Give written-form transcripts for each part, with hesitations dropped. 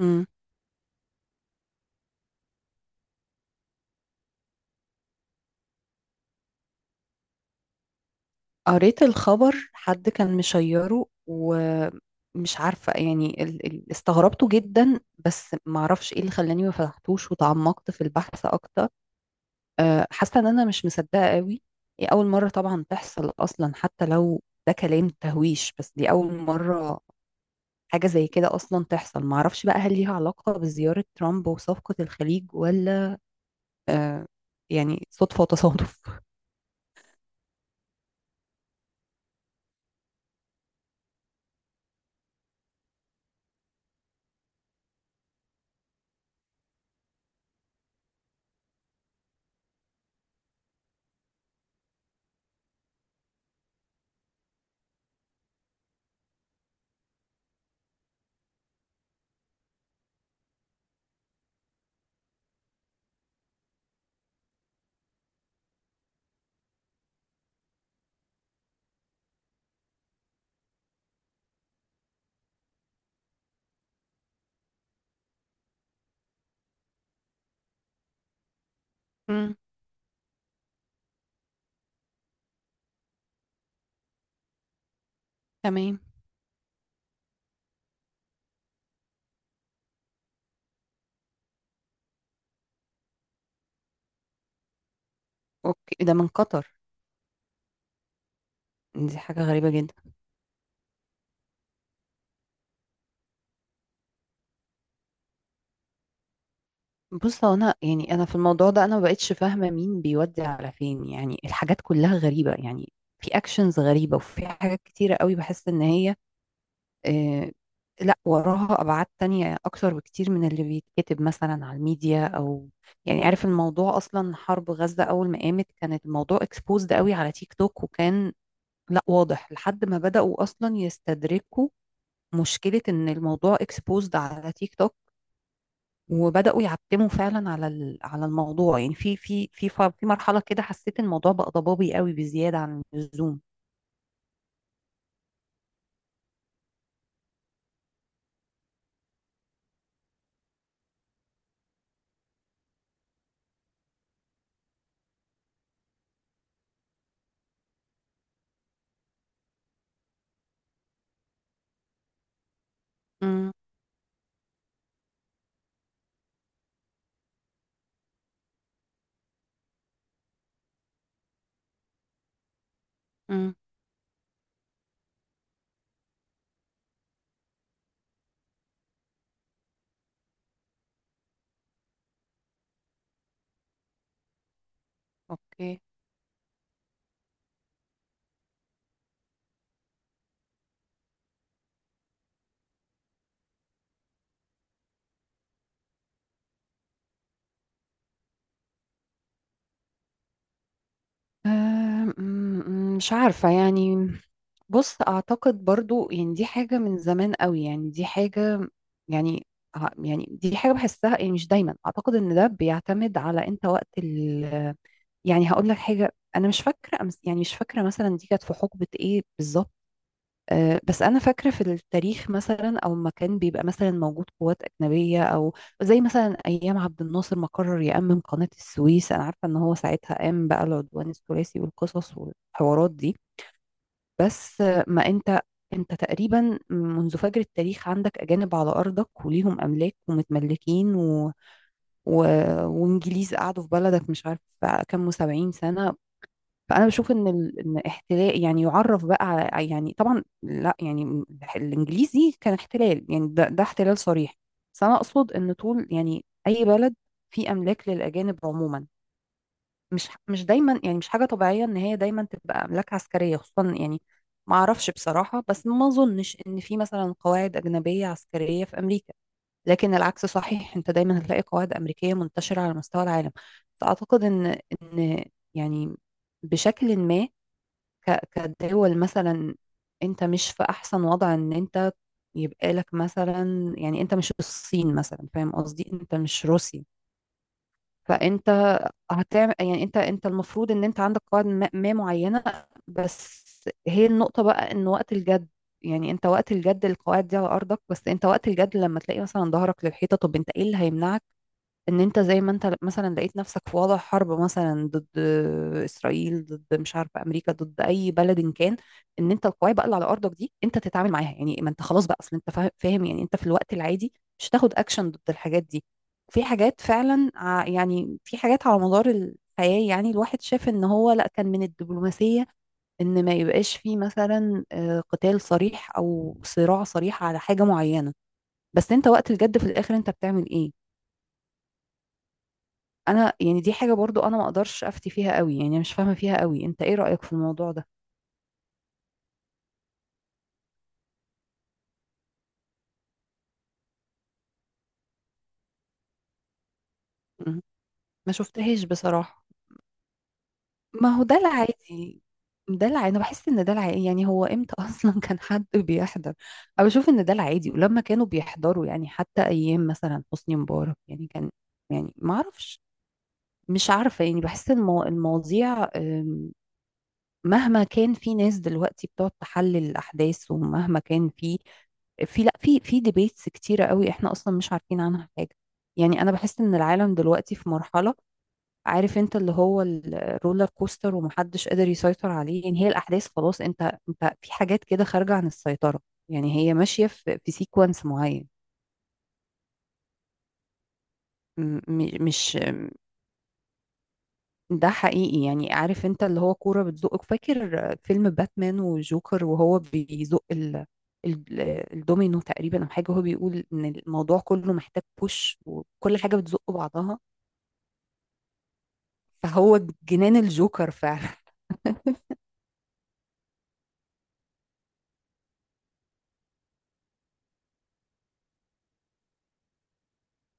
مم. قريت الخبر، حد كان مشيره ومش عارفة يعني استغربته جدا. بس معرفش ايه اللي خلاني ما فتحتوش وتعمقت في البحث اكتر. حاسة ان انا مش مصدقة قوي. هي اول مرة طبعا تحصل اصلا، حتى لو ده كلام تهويش، بس دي اول مرة حاجة زي كده اصلا تحصل. معرفش بقى هل ليها علاقة بزيارة ترامب وصفقة الخليج ولا أه، يعني صدفة وتصادف. مم. تمام. اوكي، ده من قطر. دي حاجة غريبة جدا. بص هو انا يعني انا في الموضوع ده انا ما بقتش فاهمه مين بيودي على فين، يعني الحاجات كلها غريبه يعني. في اكشنز غريبه، وفي حاجات كتيره قوي بحس ان هي آه لا وراها ابعاد تانية اكتر بكتير من اللي بيتكتب مثلا على الميديا او يعني. عارف الموضوع اصلا، حرب غزه اول ما قامت كانت الموضوع اكسبوزد قوي على تيك توك، وكان لا واضح لحد ما بداوا اصلا يستدركوا مشكله ان الموضوع اكسبوزد على تيك توك. وبداوا يعتموا فعلا على على الموضوع. يعني في مرحله كده حسيت الموضوع بقى ضبابي قوي بزياده عن اللزوم. امم. امم. اوكي. آه، مش عارفة يعني. بص أعتقد برضو يعني دي حاجة من زمان قوي، يعني دي حاجة يعني يعني دي حاجة بحسها، يعني مش دايما أعتقد إن ده بيعتمد على أنت وقت ال. يعني هقول لك حاجة، أنا مش فاكرة أمس، يعني مش فاكرة مثلا دي كانت في حقبة إيه بالظبط. بس انا فاكره في التاريخ مثلا او ما كان بيبقى مثلا موجود قوات اجنبيه او زي مثلا ايام عبد الناصر ما قرر يامم قناه السويس. انا عارفه ان هو ساعتها قام بقى العدوان الثلاثي والقصص والحوارات دي. بس ما انت، انت تقريبا منذ فجر التاريخ عندك اجانب على ارضك وليهم املاك ومتملكين و... وانجليز قعدوا في بلدك مش عارف كام وسبعين سنه. فانا بشوف ان احتلال يعني يعرف بقى على، يعني طبعا لا يعني الانجليزي كان احتلال، يعني ده احتلال صريح. بس انا اقصد ان طول يعني اي بلد فيه املاك للاجانب عموما، مش دايما يعني مش حاجه طبيعيه ان هي دايما تبقى املاك عسكريه خصوصا يعني. ما اعرفش بصراحه، بس ما اظنش ان في مثلا قواعد اجنبيه عسكريه في امريكا. لكن العكس صحيح، انت دايما هتلاقي قواعد امريكيه منتشره على مستوى العالم. فاعتقد ان يعني بشكل ما ك- كدول مثلا، انت مش في احسن وضع ان انت يبقى لك مثلا، يعني انت مش الصين مثلا فاهم قصدي، انت مش روسيا. فانت هتعمل، يعني انت المفروض ان انت عندك قواعد ما معينة. بس هي النقطة بقى ان وقت الجد، يعني انت وقت الجد القواعد دي على ارضك. بس انت وقت الجد لما تلاقي مثلا ظهرك للحيطة، طب انت ايه اللي هيمنعك ان انت زي ما انت مثلا لقيت نفسك في وضع حرب مثلا ضد اسرائيل، ضد مش عارفه امريكا، ضد اي بلد إن كان، ان انت القواعد بقى اللي على ارضك دي انت تتعامل معاها. يعني ما انت خلاص بقى، اصل انت فاهم يعني، انت في الوقت العادي مش هتاخد اكشن ضد الحاجات دي. في حاجات فعلا يعني في حاجات على مدار الحياه يعني الواحد شاف ان هو لا كان من الدبلوماسيه ان ما يبقاش فيه مثلا قتال صريح او صراع صريح على حاجه معينه. بس انت وقت الجد في الاخر انت بتعمل ايه؟ انا يعني دي حاجة برضو انا ما اقدرش افتي فيها قوي، يعني مش فاهمة فيها قوي. انت ايه رأيك في الموضوع ده؟ مم. ما شفتهاش بصراحة. ما هو ده العادي. ده العادي، انا بحس ان ده العادي. يعني هو امتى اصلا كان حد بيحضر؟ انا بشوف ان ده العادي. ولما كانوا بيحضروا يعني حتى ايام مثلا حسني مبارك يعني كان، يعني ما اعرفش. مش عارفة يعني بحس ان المواضيع مهما كان في ناس دلوقتي بتقعد تحلل الأحداث، ومهما كان في، في لا في ديبيتس كتيرة قوي، احنا اصلا مش عارفين عنها حاجة. يعني انا بحس ان العالم دلوقتي في مرحلة عارف انت اللي هو الرولر كوستر، ومحدش قادر يسيطر عليه. يعني هي الاحداث خلاص، انت انت في حاجات كده خارجة عن السيطرة. يعني هي ماشية في سيكونس معين. مش ده حقيقي، يعني عارف انت اللي هو كورة بتزقك؟ فاكر فيلم باتمان وجوكر وهو بيزق ال... الدومينو تقريبا او حاجة، هو بيقول ان الموضوع كله محتاج بوش، وكل حاجة بتزق بعضها. فهو جنان الجوكر فعلا.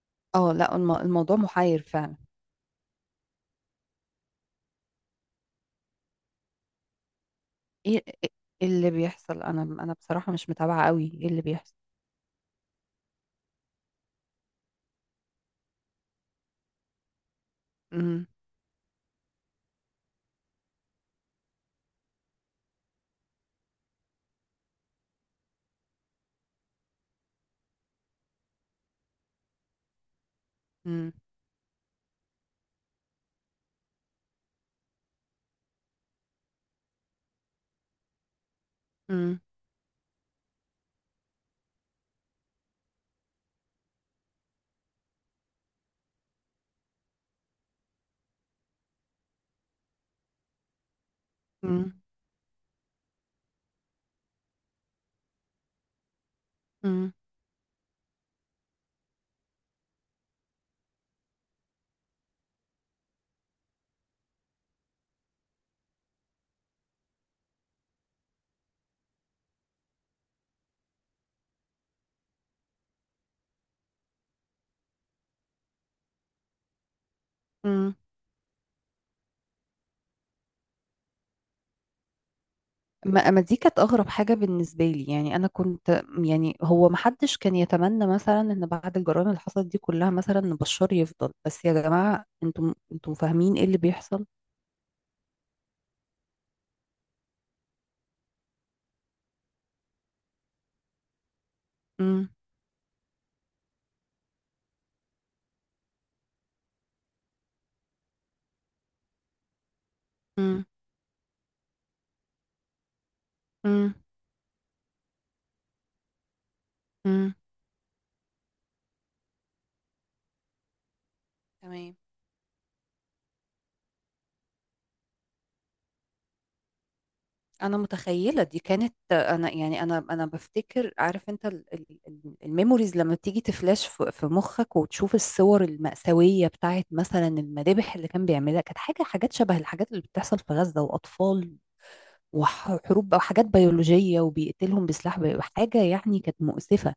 اه لا، الموضوع محير فعلا. ايه إيه اللي بيحصل؟ انا بصراحة مش متابعة قوي ايه اللي بيحصل. امم. امم. امم. امم. ما دي كانت اغرب حاجه بالنسبه لي. يعني انا كنت، يعني هو ما حدش كان يتمنى مثلا ان بعد الجرائم اللي حصلت دي كلها مثلا ان بشار يفضل، بس يا جماعه انتم فاهمين ايه اللي بيحصل؟ امم. امم. امم. امم. تمام. انا متخيله دي كانت، انا يعني انا بفتكر عارف انت الميموريز لما بتيجي تفلاش في مخك، وتشوف الصور المأساويه بتاعت مثلا المذابح اللي كان بيعملها. كانت حاجات شبه الحاجات اللي بتحصل في غزه، واطفال وحروب بقى وحاجات بيولوجية وبيقتلهم بسلاح حاجة يعني كانت مؤسفة.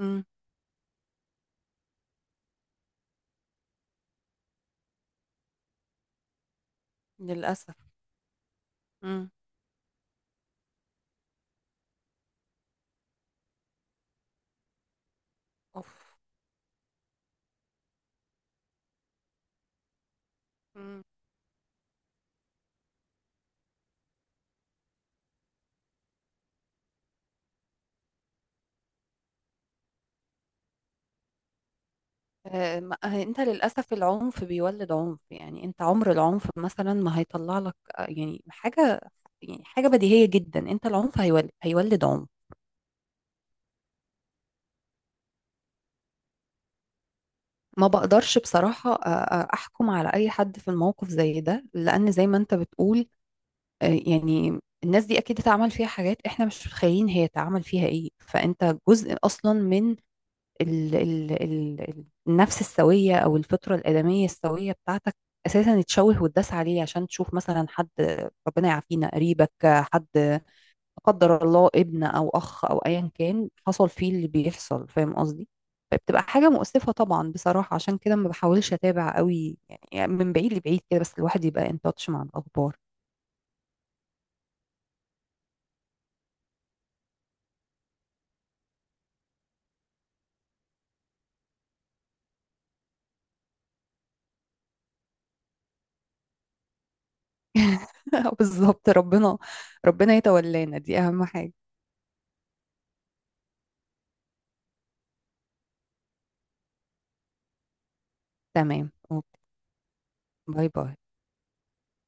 مم. للأسف. مم. أوف. مم. انت للأسف العنف بيولد عنف. يعني انت عمر العنف مثلا ما هيطلع لك يعني حاجة. يعني حاجة بديهية جدا، انت العنف هيولد عنف. ما بقدرش بصراحة أحكم على أي حد في الموقف زي ده، لأن زي ما أنت بتقول يعني الناس دي أكيد اتعمل فيها حاجات إحنا مش متخيلين هي اتعمل فيها إيه. فأنت جزء أصلا من ال ال ال النفس السوية أو الفطرة الآدمية السوية بتاعتك أساسا اتشوه واتداس عليه عشان تشوف مثلا حد، ربنا يعافينا، قريبك، حد لا قدر الله، ابن أو أخ أو أيا كان، حصل فيه اللي بيحصل، فاهم قصدي؟ فبتبقى حاجة مؤسفة طبعا بصراحة، عشان كده ما بحاولش أتابع قوي، يعني من بعيد لبعيد كده بس الواحد يبقى ان تاتش مع الأخبار. بالظبط. ربنا يتولانا، دي أهم حاجة. تمام أوكي. باي باي